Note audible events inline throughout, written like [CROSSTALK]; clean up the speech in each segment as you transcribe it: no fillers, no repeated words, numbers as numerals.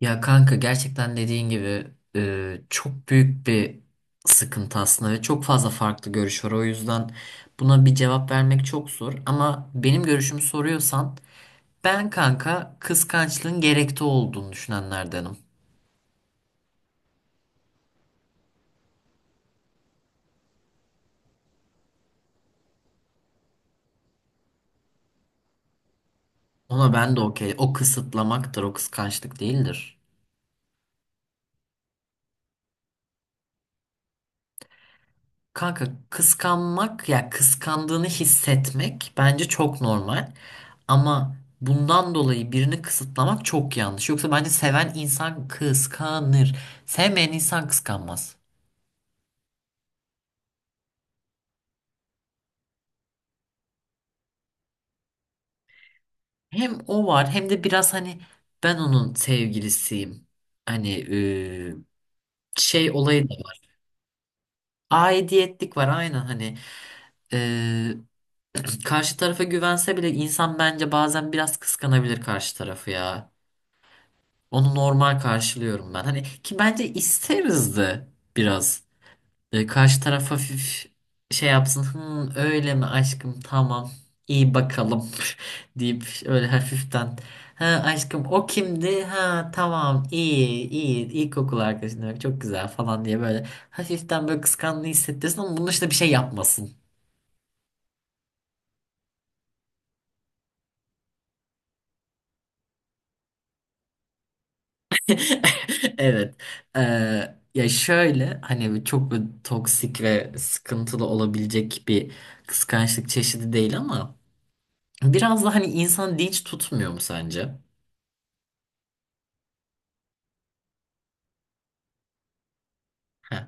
Ya kanka gerçekten dediğin gibi çok büyük bir sıkıntı aslında ve çok fazla farklı görüş var. O yüzden buna bir cevap vermek çok zor. Ama benim görüşümü soruyorsan ben kanka kıskançlığın gerekli olduğunu düşünenlerdenim. Ona ben de okey. O kısıtlamaktır, o kıskançlık değildir. Kanka kıskanmak ya kıskandığını hissetmek bence çok normal. Ama bundan dolayı birini kısıtlamak çok yanlış. Yoksa bence seven insan kıskanır. Sevmeyen insan kıskanmaz. Hem o var hem de biraz hani ben onun sevgilisiyim. Hani şey olayı da var. Aidiyetlik var aynen hani. eee, [CLEARS THROAT] Karşı tarafa güvense bile insan bence bazen biraz kıskanabilir karşı tarafı ya. Onu normal karşılıyorum ben. Hani ki bence isteriz de biraz. Karşı taraf hafif şey yapsın. Hı, öyle mi aşkım tamam iyi bakalım [LAUGHS] deyip öyle hafiften. Ha aşkım o kimdi? Ha tamam iyi iyi ilkokul arkadaşın öyle çok güzel falan diye böyle hafiften böyle kıskandığı hissettirsin ama bunun işte bir şey yapmasın. [LAUGHS] Evet. Ya şöyle hani çok böyle toksik ve sıkıntılı olabilecek bir kıskançlık çeşidi değil ama biraz da hani insan dinç tutmuyor mu sence? Heh.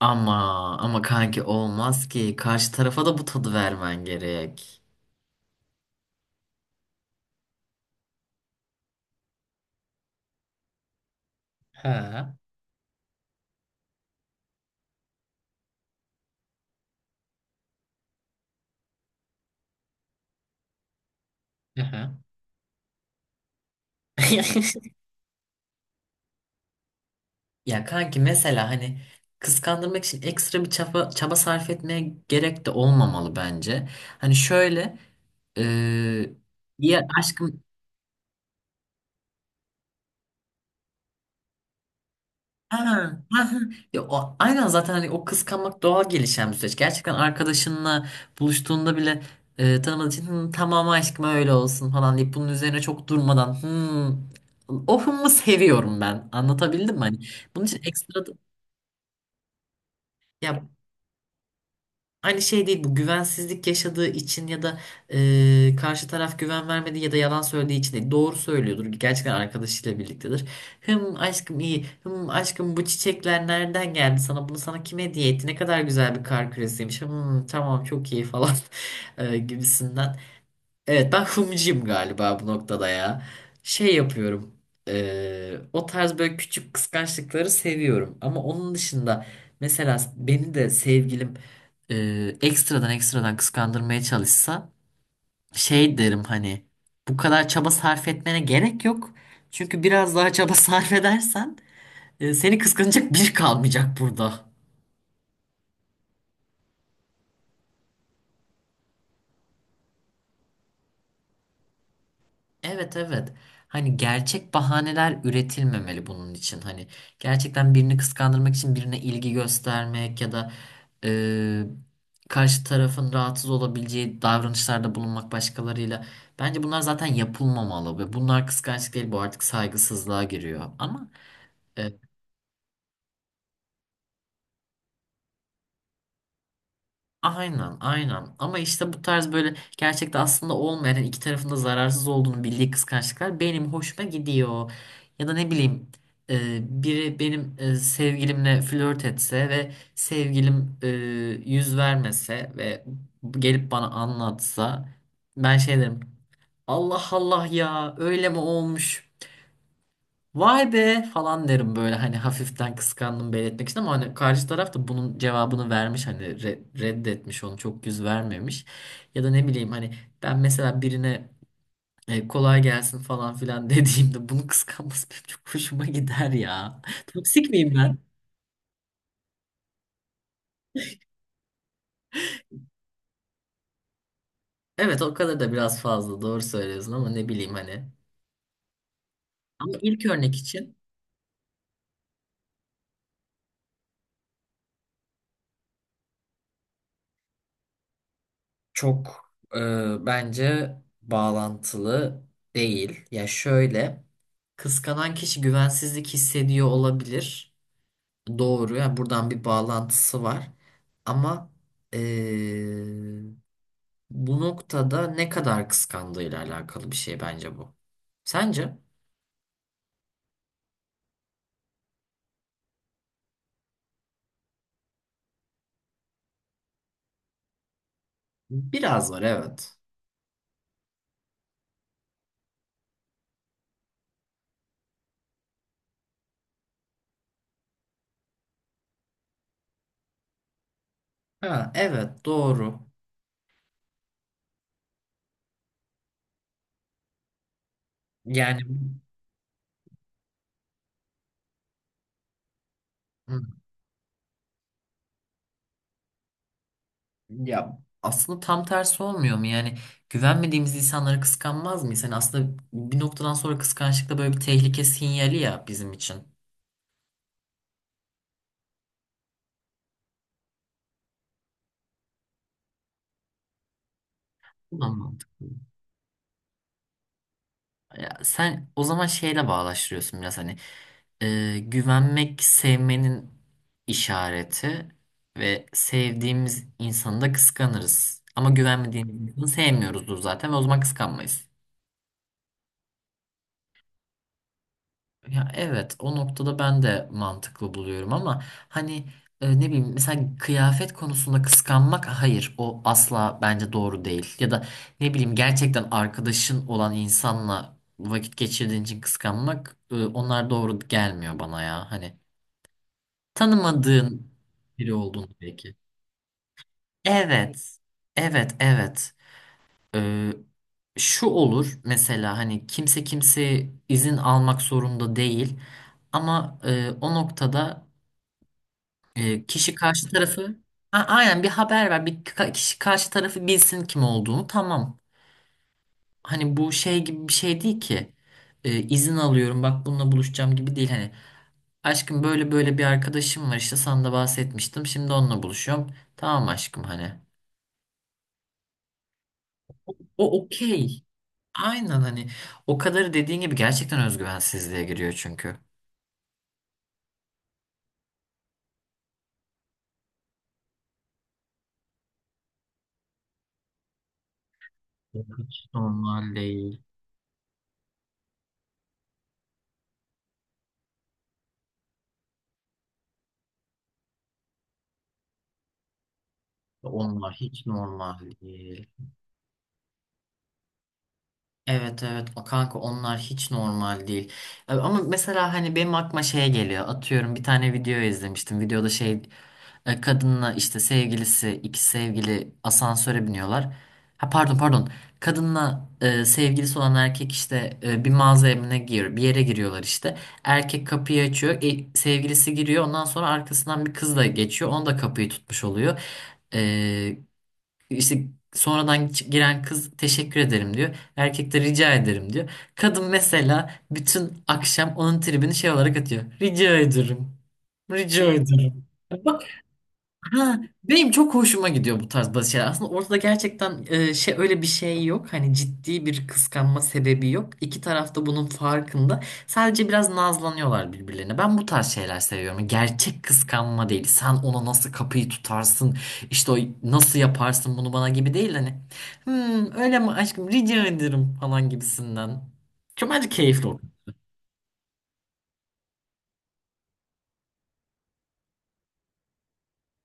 Ama ama kanki olmaz ki karşı tarafa da bu tadı vermen gerek. Ha. Aha. [LAUGHS] Ya kanki mesela hani kıskandırmak için ekstra bir çaba sarf etmeye gerek de olmamalı bence. Hani şöyle. Eee ya aşkım. Ha, ha, ha. Ya, o, aynen zaten hani o kıskanmak doğal gelişen bir süreç. Gerçekten arkadaşınla buluştuğunda bile tanımadığı için "Hı, tamam aşkım öyle olsun falan deyip bunun üzerine çok durmadan "Hı, o hımı seviyorum ben. Anlatabildim mi? Hani bunun için ekstra ya. Aynı şey değil bu, güvensizlik yaşadığı için ya da karşı taraf güven vermediği ya da yalan söylediği için değil. Doğru söylüyordur. Gerçekten arkadaşıyla birliktedir. Hım aşkım iyi. Hım aşkım bu çiçekler nereden geldi sana? Bunu sana kim hediye etti? Ne kadar güzel bir kar küresiymiş. Hım tamam çok iyi falan [LAUGHS] gibisinden. Evet ben hımcıyım galiba bu noktada ya. Şey yapıyorum. O tarz böyle küçük kıskançlıkları seviyorum. Ama onun dışında mesela beni de sevgilim ekstradan ekstradan kıskandırmaya çalışsa şey derim hani bu kadar çaba sarf etmene gerek yok. Çünkü biraz daha çaba [LAUGHS] sarf edersen seni kıskanacak biri kalmayacak burada. Evet evet. Hani gerçek bahaneler üretilmemeli bunun için. Hani gerçekten birini kıskandırmak için birine ilgi göstermek ya da e, karşı tarafın rahatsız olabileceği davranışlarda bulunmak başkalarıyla. Bence bunlar zaten yapılmamalı ve bunlar kıskançlık değil, bu artık saygısızlığa giriyor. Ama aynen, aynen. Ama işte bu tarz böyle gerçekte aslında olmayan yani iki tarafında zararsız olduğunu bildiği kıskançlıklar benim hoşuma gidiyor. Ya da ne bileyim biri benim sevgilimle flört etse ve sevgilim yüz vermese ve gelip bana anlatsa ben şey derim, Allah Allah ya öyle mi olmuş. Vay be falan derim böyle hani, hafiften kıskandım belirtmek için ama hani karşı taraf da bunun cevabını vermiş, hani reddetmiş onu, çok yüz vermemiş. Ya da ne bileyim hani ben mesela birine kolay gelsin falan filan [LAUGHS] dediğimde bunu kıskanması benim çok hoşuma gider ya. Toksik miyim ben? Evet o kadar da biraz fazla, doğru söylüyorsun ama ne bileyim hani. Ama ilk örnek için çok bence bağlantılı değil. Ya şöyle, kıskanan kişi güvensizlik hissediyor olabilir. Doğru. Yani buradan bir bağlantısı var. Ama e, bu noktada ne kadar kıskandığıyla alakalı bir şey bence bu. Sence? Biraz var, evet. Ha evet doğru. Yani. Hı. Ya aslında tam tersi olmuyor mu? Yani güvenmediğimiz insanları kıskanmaz mıyız? Yani aslında bir noktadan sonra kıskançlık da böyle bir tehlike sinyali ya bizim için. Bu da mantıklı. Ya sen o zaman şeyle bağdaştırıyorsun biraz hani, güvenmek sevmenin işareti ve sevdiğimiz insanı da kıskanırız. Ama güvenmediğimiz insanı sevmiyoruzdur zaten ve o zaman kıskanmayız. Ya evet o noktada ben de mantıklı buluyorum ama hani ne bileyim mesela kıyafet konusunda kıskanmak, hayır o asla bence doğru değil. Ya da ne bileyim gerçekten arkadaşın olan insanla vakit geçirdiğin için kıskanmak, onlar doğru gelmiyor bana ya. Hani tanımadığın biri olduğunu belki. Evet. Evet, evet. Ee, şu olur mesela, hani kimse kimse izin almak zorunda değil ama o noktada kişi karşı tarafı. Aynen bir haber ver, bir kişi karşı tarafı bilsin kim olduğunu, tamam, hani bu şey gibi bir şey değil ki. E, izin alıyorum bak bununla buluşacağım gibi değil, hani aşkım böyle böyle bir arkadaşım var işte, sana da bahsetmiştim, şimdi onunla buluşuyorum, tamam aşkım hani, o okey. Aynen hani o kadar, dediğin gibi gerçekten özgüvensizliğe giriyor çünkü. Yok, hiç normal değil. Onlar hiç normal değil. Evet evet o kanka, onlar hiç normal değil. Ama mesela hani benim aklıma şey geliyor. Atıyorum bir tane video izlemiştim. Videoda şey kadınla işte sevgilisi, iki sevgili asansöre biniyorlar. Ha pardon pardon. Kadınla sevgilisi olan erkek işte bir yere giriyorlar işte. Erkek kapıyı açıyor. Sevgilisi giriyor. Ondan sonra arkasından bir kız da geçiyor. Onu da kapıyı tutmuş oluyor. E, işte sonradan giren kız teşekkür ederim diyor. Erkek de rica ederim diyor. Kadın mesela bütün akşam onun tribini şey olarak atıyor. Rica ederim. Rica ederim. [LAUGHS] Ha, benim çok hoşuma gidiyor bu tarz bazı şeyler. Aslında ortada gerçekten şey öyle bir şey yok. Hani ciddi bir kıskanma sebebi yok. İki taraf da bunun farkında. Sadece biraz nazlanıyorlar birbirlerine. Ben bu tarz şeyler seviyorum. Gerçek kıskanma değil. Sen ona nasıl kapıyı tutarsın? İşte o, nasıl yaparsın bunu bana gibi değil. Hani "Hmm, öyle mi aşkım rica ederim falan gibisinden. Çok bence keyifli olur.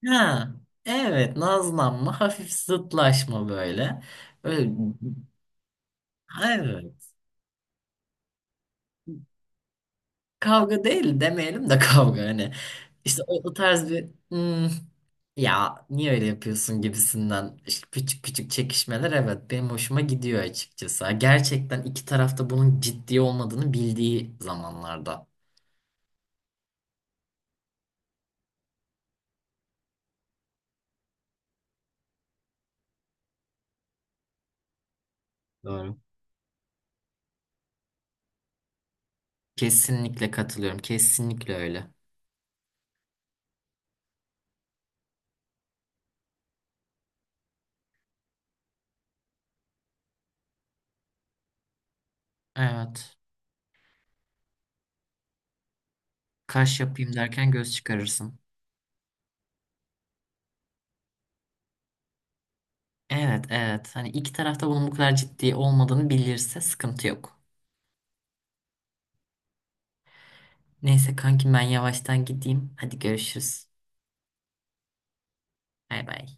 Ha, evet nazlanma, hafif zıtlaşma böyle. Öyle, evet. Kavga değil demeyelim de kavga hani. İşte o, o tarz bir "Hmm, ya niye öyle yapıyorsun gibisinden, işte küçük küçük çekişmeler, evet benim hoşuma gidiyor açıkçası. Gerçekten iki tarafta bunun ciddi olmadığını bildiği zamanlarda. Doğru. Kesinlikle katılıyorum. Kesinlikle öyle. Evet. Kaş yapayım derken göz çıkarırsın. Evet, evet. Hani iki tarafta bunun bu kadar ciddi olmadığını bilirse sıkıntı yok. Neyse kanki ben yavaştan gideyim. Hadi görüşürüz. Bay bay.